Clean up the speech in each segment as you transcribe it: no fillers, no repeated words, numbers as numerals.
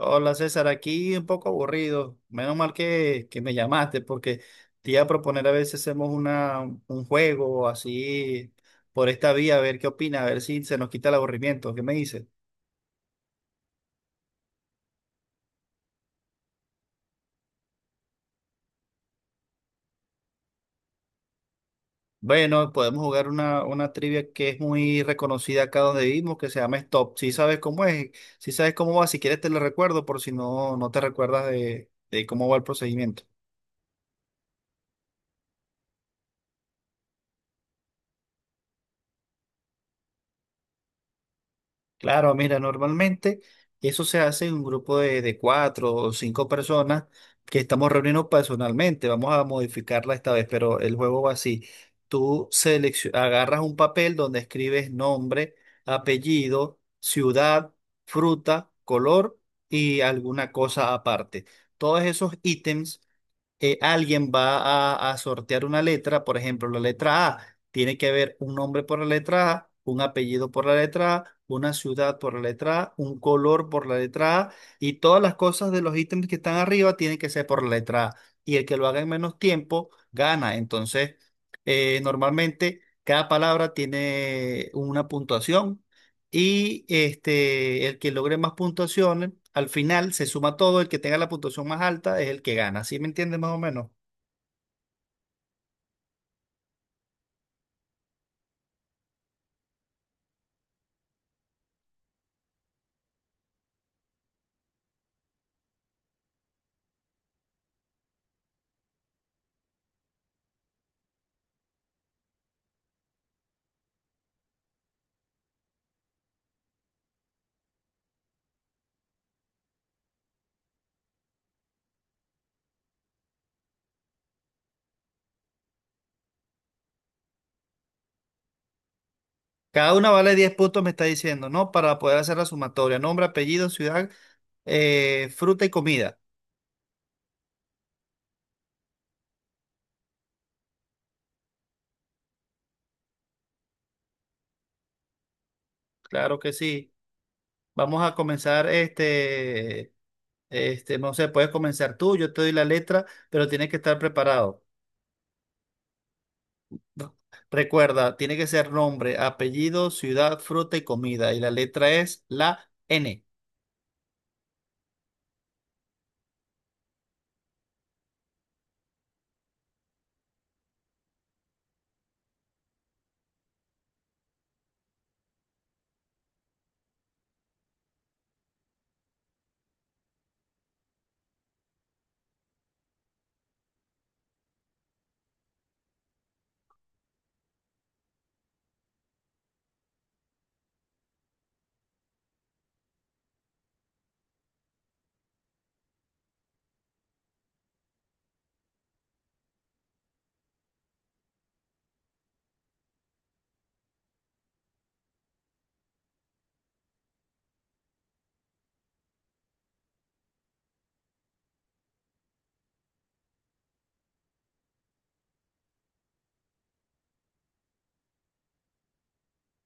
Hola César, aquí un poco aburrido. Menos mal que me llamaste porque te iba a proponer a ver si hacemos un juego así por esta vía, a ver qué opina, a ver si se nos quita el aburrimiento. ¿Qué me dices? Bueno, podemos jugar una trivia que es muy reconocida acá donde vivimos, que se llama Stop. Si sabes cómo es, si sabes cómo va, si quieres te lo recuerdo por si no te recuerdas de cómo va el procedimiento. Claro, mira, normalmente eso se hace en un grupo de cuatro o cinco personas que estamos reuniendo personalmente. Vamos a modificarla esta vez, pero el juego va así. Tú agarras un papel donde escribes nombre, apellido, ciudad, fruta, color y alguna cosa aparte. Todos esos ítems alguien va a sortear una letra, por ejemplo, la letra A, tiene que haber un nombre por la letra A, un apellido por la letra A, una ciudad por la letra A, un color por la letra A, y todas las cosas de los ítems que están arriba tienen que ser por la letra A. Y el que lo haga en menos tiempo gana. Entonces, normalmente cada palabra tiene una puntuación. Y este, el que logre más puntuaciones, al final se suma todo, el que tenga la puntuación más alta es el que gana. ¿Sí me entiendes más o menos? Cada una vale 10 puntos, me está diciendo, ¿no? Para poder hacer la sumatoria. Nombre, apellido, ciudad, fruta y comida. Claro que sí. Vamos a comenzar no sé, puedes comenzar tú, yo te doy la letra, pero tienes que estar preparado. No. Recuerda, tiene que ser nombre, apellido, ciudad, fruta y comida. Y la letra es la N.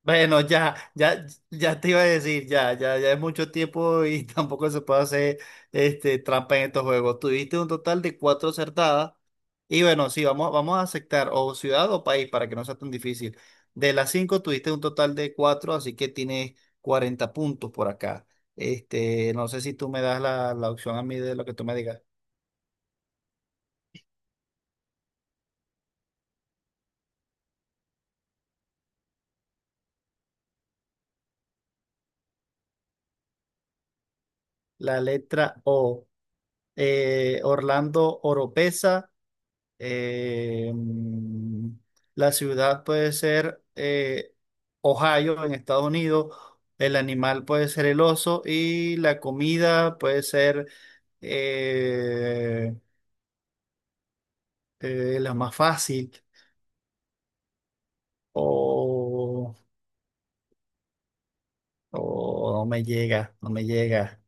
Bueno, ya, ya, ya te iba a decir, ya, ya, ya es mucho tiempo y tampoco se puede hacer este, trampa en estos juegos. Tuviste un total de cuatro acertadas y bueno, sí, vamos, vamos a aceptar o ciudad o país para que no sea tan difícil. De las cinco tuviste un total de cuatro, así que tienes 40 puntos por acá. Este, no sé si tú me das la opción a mí de lo que tú me digas. La letra O, Orlando Oropesa. Eh, mm, la ciudad puede ser Ohio en Estados Unidos, el animal puede ser el oso y la comida puede ser eh, la más fácil o, o no me llega, no me llega.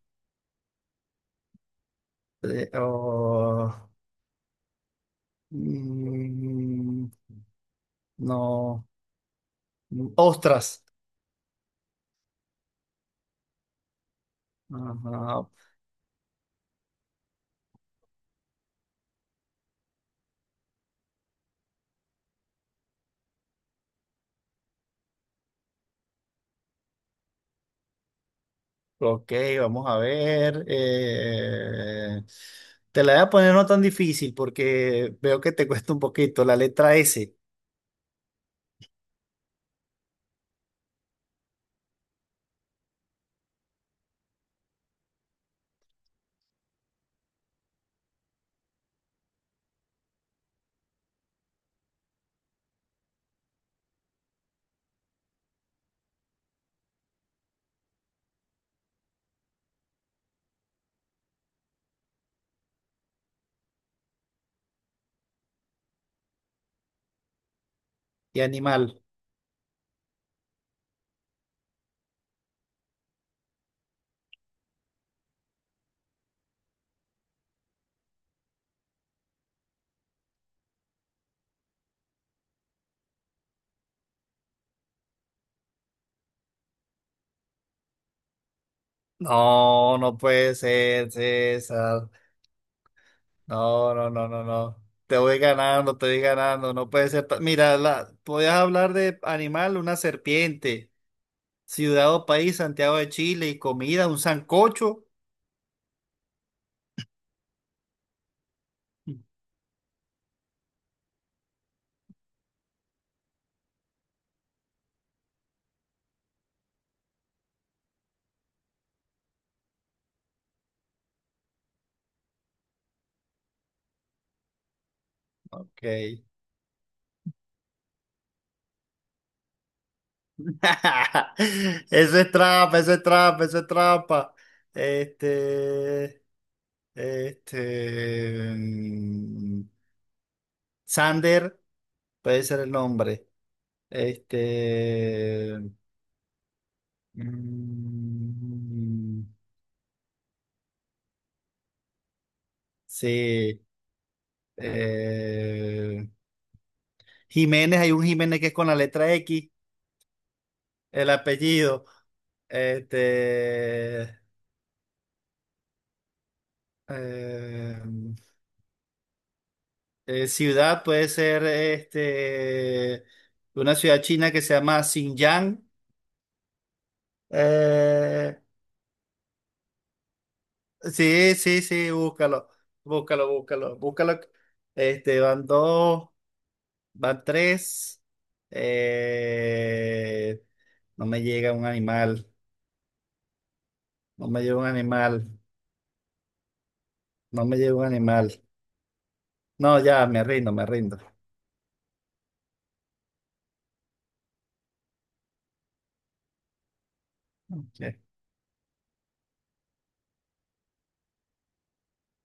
Eh, o, mm, no, ostras. Ajá, ok, vamos a ver. Te la voy a poner no tan difícil porque veo que te cuesta un poquito. La letra S y animal. No, no puede ser, César. No, no, no, no, no. Te voy ganando, te voy ganando. No puede ser. Mira, la, podías hablar de animal, una serpiente. Ciudad o país, Santiago de Chile y comida, un sancocho. Ok. Eso es trampa, eso es trampa, eso es trampa. Este, este, mm, Sander puede ser el nombre. Este, mm, sí. eh, Jiménez, hay un Jiménez que es con la letra X, el apellido. Este, eh, ciudad puede ser este, una ciudad china que se llama Xinjiang. Eh, sí, sí, sí, búscalo, búscalo, búscalo, búscalo. Este, van dos, van tres. Eh, no me llega un animal, no me llega un animal, no me llega un animal. No, ya, me rindo, me rindo. Ok.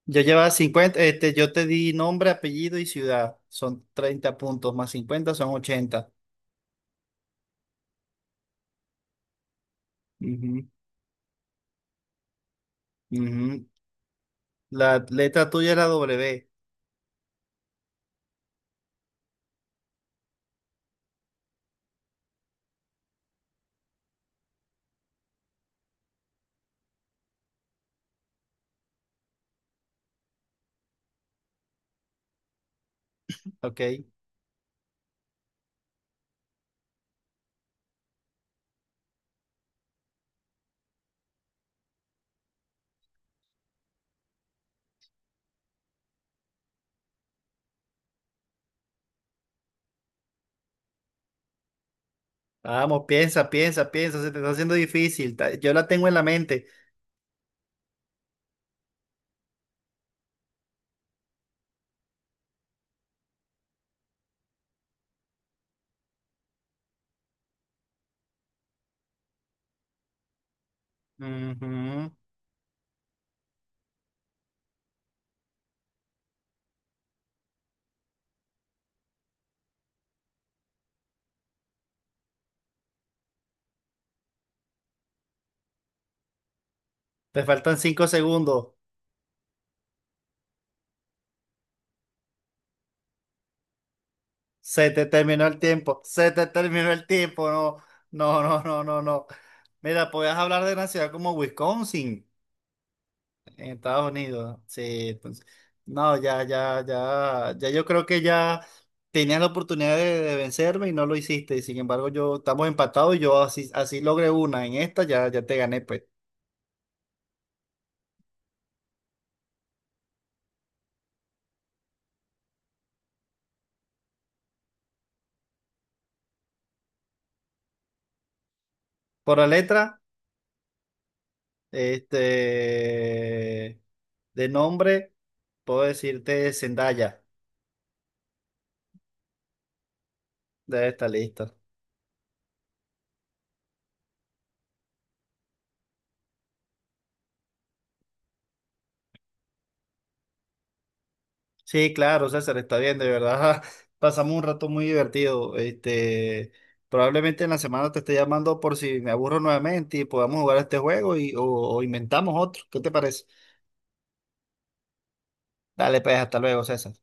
Yo llevaba 50 este, yo te di nombre, apellido y ciudad. Son 30 puntos, más 50 son 80. Ujú, ujú. La letra tuya es la W, ok. Vamos, piensa, piensa, piensa, se te está haciendo difícil. Yo la tengo en la mente. Ujú. Te faltan 5 segundos. Se te terminó el tiempo, se te terminó el tiempo, no, no, no, no, no, no. Mira, podías hablar de una ciudad como Wisconsin. En Estados Unidos, sí. Entonces, no, ya, ya, ya, ya yo creo que ya tenías la oportunidad de vencerme y no lo hiciste. Y sin embargo, yo estamos empatados y yo así, así logré una. En esta ya, ya te gané, pues. Por la letra, este, de nombre, puedo decirte Zendaya. Debe estar listo. Sí, claro, César, está bien, de verdad. Pasamos un rato muy divertido. Este, probablemente en la semana te esté llamando por si me aburro nuevamente y podamos jugar este juego y, o inventamos otro. ¿Qué te parece? Dale, pues, hasta luego, César.